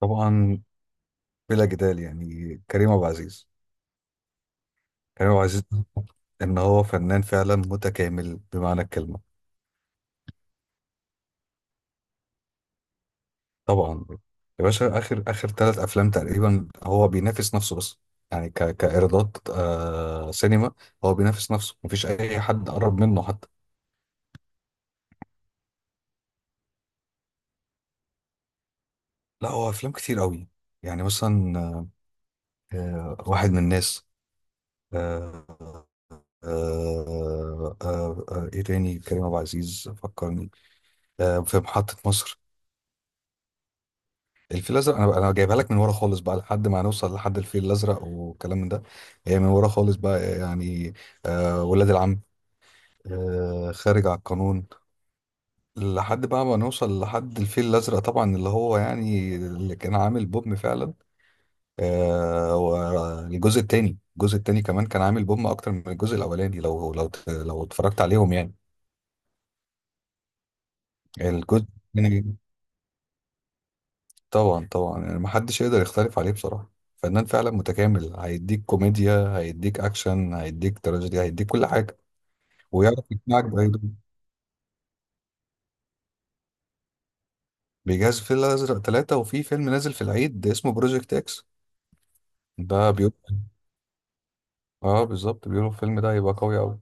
طبعا، بلا جدال يعني كريم عبد العزيز. كريم عبد العزيز ان هو فنان فعلا متكامل بمعنى الكلمه. طبعا يا باشا اخر اخر ثلاث افلام تقريبا هو بينافس نفسه بس يعني كايرادات سينما. هو بينافس نفسه، مفيش اي حد قرب منه حتى. لا هو افلام كتير قوي، يعني مثلا واحد من الناس، آه آه ايه تاني كريم عبد العزيز فكرني؟ في محطه مصر. الفيل الازرق انا بقى، انا جايبها لك من ورا خالص بقى لحد ما نوصل لحد الفيل الازرق والكلام من ده. هي من ورا خالص بقى يعني، ولاد العم، خارج على القانون، لحد بقى ما نوصل لحد الفيل الازرق طبعا، اللي هو يعني اللي كان عامل بوم فعلا. والجزء التاني، الجزء التاني كمان كان عامل بوم اكتر من الجزء الاولاني، لو اتفرجت عليهم يعني. الجزء التاني طبعا طبعا يعني محدش يقدر يختلف عليه بصراحة. فنان فعلا متكامل، هيديك كوميديا، هيديك أكشن، هيديك تراجيدي، هيديك كل حاجة ويعرف يقنعك بأي دور. بيجهز في الأزرق ثلاثة وفي فيلم نازل في العيد اسمه بروجكت إكس. ده بيقول، اه بالظبط، بيقولوا الفيلم ده هيبقى قوي أوي.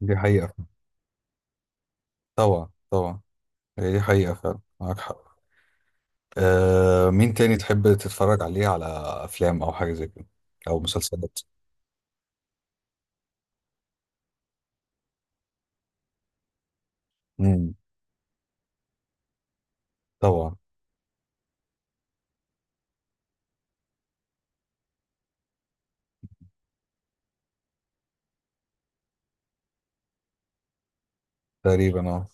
دي حقيقة. طبعا طبعا، هي دي حقيقة فعلا، معاك حق. مين تاني تحب تتفرج عليه؟ على أفلام أو حاجة زي كده أو مسلسلات؟ مم. طبعا. تقريبا اه.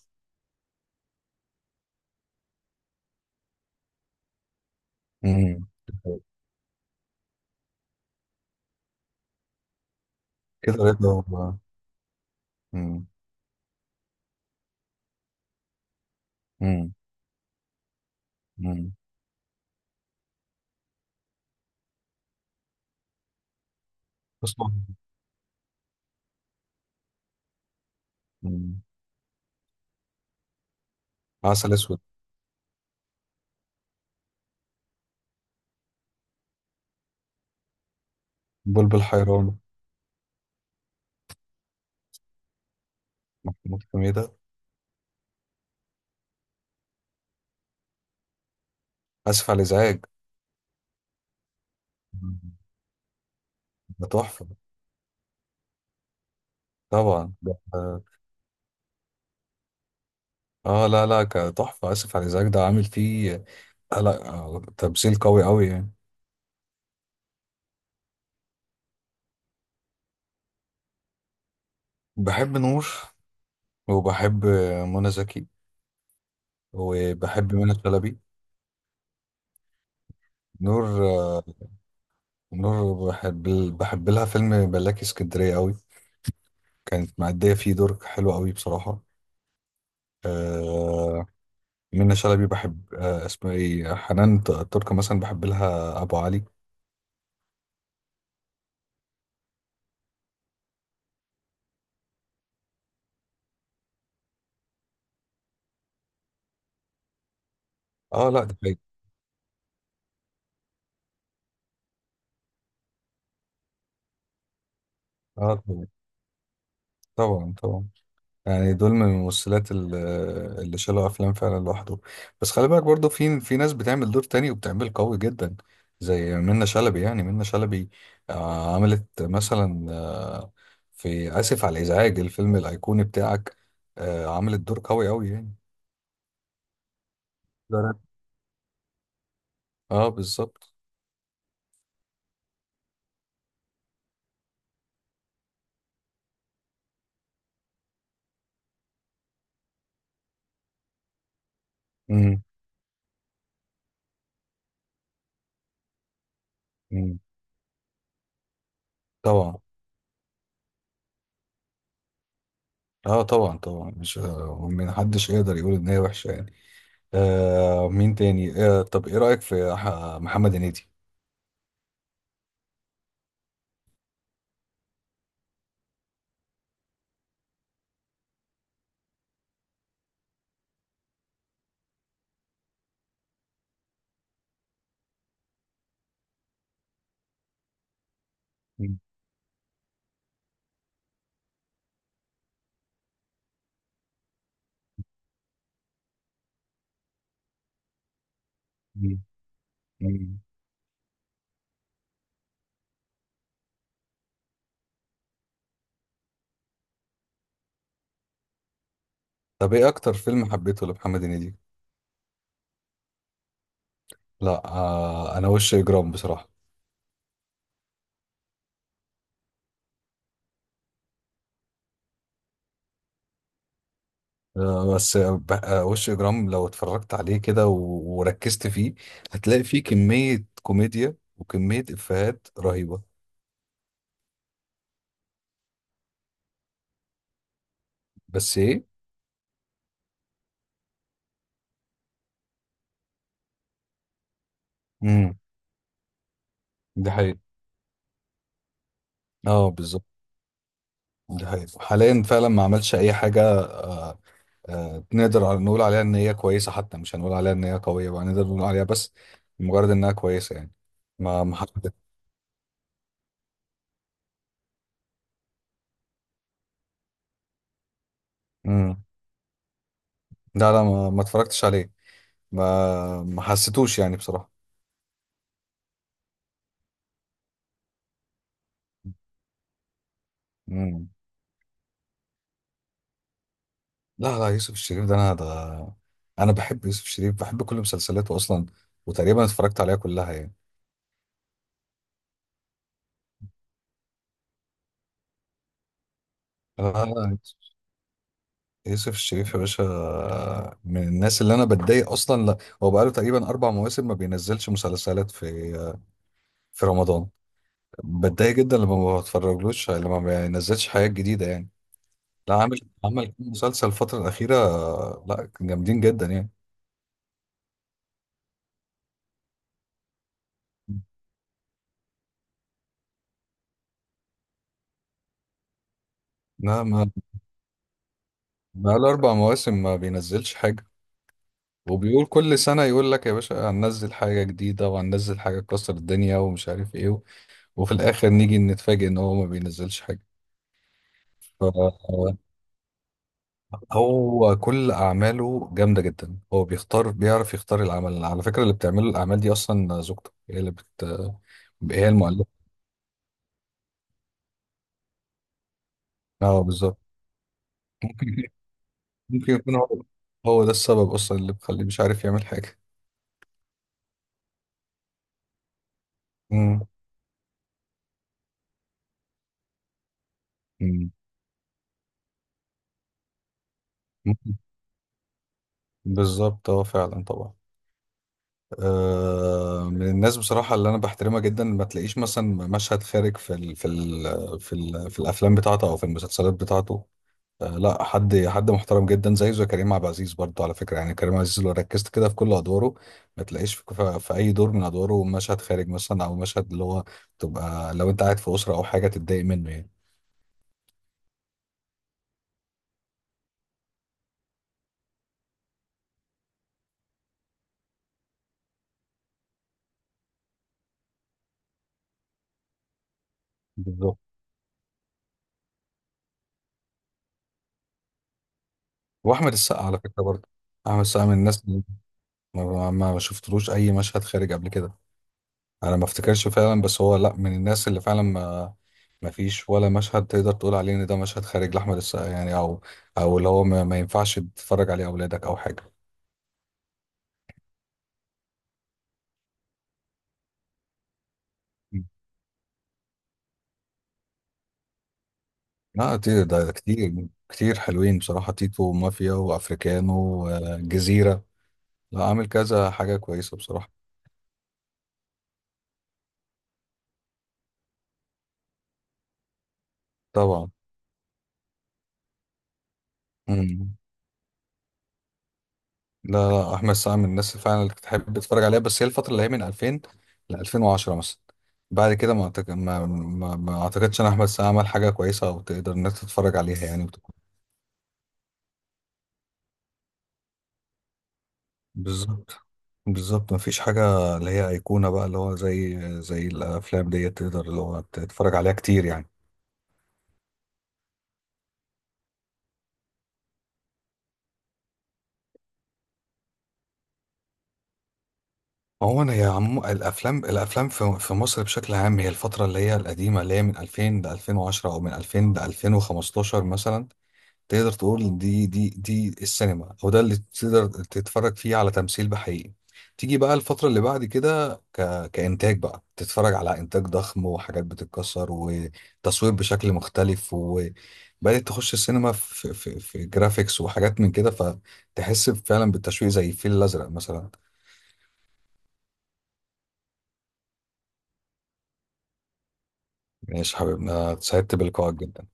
مم. كده رضا مم. مم. مم. حسن. مم. عسل اسود. بلبل حيران. محمود حميدة. اسف على الازعاج. مم. ده تحفة. طبعا ده، اه لا لا، تحفة. اسف على الازعاج ده عامل فيه لا تمثيل قوي قوي يعني. بحب نور، وبحب منى زكي، وبحب منى شلبي. نور، نور بحب، بحب لها فيلم ملاكي اسكندرية قوي، كانت مأدية فيه دور حلو قوي بصراحة. آه، منة شلبي بحب، اسمها ايه، حنان تركة مثلا. بحب لها ابو علي. اه لا ده حقيقي. اه طبعا طبعا طبعا، يعني دول من الممثلات اللي شالوا افلام فعلا لوحده. بس خلي بالك برضو في في ناس بتعمل دور تاني وبتعمل قوي جدا، زي منة شلبي. يعني منة شلبي عملت مثلا في اسف على الازعاج الفيلم الايقوني بتاعك، عملت دور قوي قوي يعني. لا، لا. اه بالظبط. امم. أمم. طبعا. اه طبعا طبعا، مش محدش يقدر يقول ان هي وحشه يعني. مين تاني؟ طب ايه رايك في محمد هنيدي؟ مم. مم. مم. طب ايه اكتر فيلم حبيته لمحمد هنيدي؟ لا انا وش اجرام بصراحه. آه بس آه ب- آه، وش اجرام لو اتفرجت عليه كده وركزت فيه، هتلاقي فيه كميه كوميديا وكميه افيهات رهيبه. بس ايه. امم. ده حقيقي. اه بالظبط، ده حقيقي. حاليا فعلا ما عملش اي حاجه، نقدر نقول عليها ان هي كويسه، حتى مش هنقول عليها ان هي قويه بقى، نقدر نقول عليها بس مجرد انها كويسه يعني. ما ما حد... مم. لا لا، ما اتفرجتش عليه. ما ما حسيتوش يعني بصراحه. مم. لا لا، يوسف الشريف ده، انا ده انا بحب يوسف الشريف، بحب كل مسلسلاته اصلا وتقريبا اتفرجت عليها كلها يعني. لا لا، يوسف الشريف يا باشا، من الناس اللي انا بتضايق اصلا. لا هو بقاله تقريبا اربع مواسم ما بينزلش مسلسلات في في رمضان. بتضايق جدا لما ما بتفرجلوش يعني، لما ما بينزلش حاجات جديده يعني. لا عامل، عمل كام مسلسل الفتره الاخيره. لا جامدين جدا يعني. لا ما، بقاله أربع مواسم ما بينزلش حاجة. وبيقول كل سنة يقول لك يا باشا هننزل حاجة جديدة وهننزل حاجة تكسر الدنيا ومش عارف إيه وفي الآخر نيجي نتفاجئ إن هو ما بينزلش حاجة. ف- هو كل أعماله جامدة جدا، هو بيختار، بيعرف يختار العمل. على فكرة اللي بتعمله الأعمال دي أصلا زوجته، هي اللي بت، هي المؤلفة. اه بالظبط. ممكن، ممكن يكون هو، هو ده السبب اصلا اللي مخليه مش عارف يعمل حاجه. مم. مم. ممكن. بالظبط، اه فعلا طبعا. من الناس بصراحه اللي انا بحترمها جدا. ما تلاقيش مثلا مشهد خارج في ال في ال في, ال في الافلام بتاعته او في المسلسلات بتاعته. لا، حد حد محترم جدا، زي زي كريم عبد العزيز برضه على فكره. يعني كريم عبد العزيز لو ركزت كده في كل ادواره، ما تلاقيش في اي دور من ادواره مشهد خارج مثلا، او مشهد اللي هو تبقى لو انت قاعد في اسره او حاجه تتضايق منه يعني. بالظبط. واحمد السقا على فكره برضه. احمد السقا من الناس اللي، ما شفتلوش اي مشهد خارج قبل كده، انا ما افتكرش فعلا. بس هو لا، من الناس اللي فعلا ما ما فيش ولا مشهد تقدر تقول عليه ان ده مشهد خارج لاحمد السقا يعني، او او اللي هو ما ينفعش تتفرج عليه اولادك او حاجه. لا كتير، ده كتير كتير حلوين بصراحه، تيتو ومافيا وافريكانو وجزيره. لا عامل كذا حاجه كويسه بصراحه. طبعا. مم. لا لا، احمد سعد من الناس اللي فعلا اللي تحب تتفرج عليها. بس هي الفتره اللي هي من 2000 ل 2010 مثلا، بعد كده ما أعتقد، ما اعتقدش ان احمد سعد عمل حاجه كويسه او تقدر انك تتفرج عليها يعني وتكون- بالظبط. بالظبط، ما فيش حاجه اللي هي ايقونه بقى، اللي هو زي زي الافلام ديت تقدر اللي هو تتفرج عليها كتير يعني. عموما هي عم الافلام، الافلام في في مصر بشكل عام، هي الفتره اللي هي القديمه، اللي هي من 2000 ل 2010 او من 2000 ل 2015 مثلا، تقدر تقول إن دي السينما، او ده اللي تقدر تتفرج فيه على تمثيل بحقيقي. تيجي بقى الفترة اللي بعد كده كإنتاج بقى، تتفرج على إنتاج ضخم وحاجات بتتكسر وتصوير بشكل مختلف، وبدأت تخش السينما في جرافيكس وحاجات من كده، فتحس فعلا بالتشويق زي الفيل الأزرق مثلا. ماشي يا حبيبنا، اتسعدت بلقائك جدا.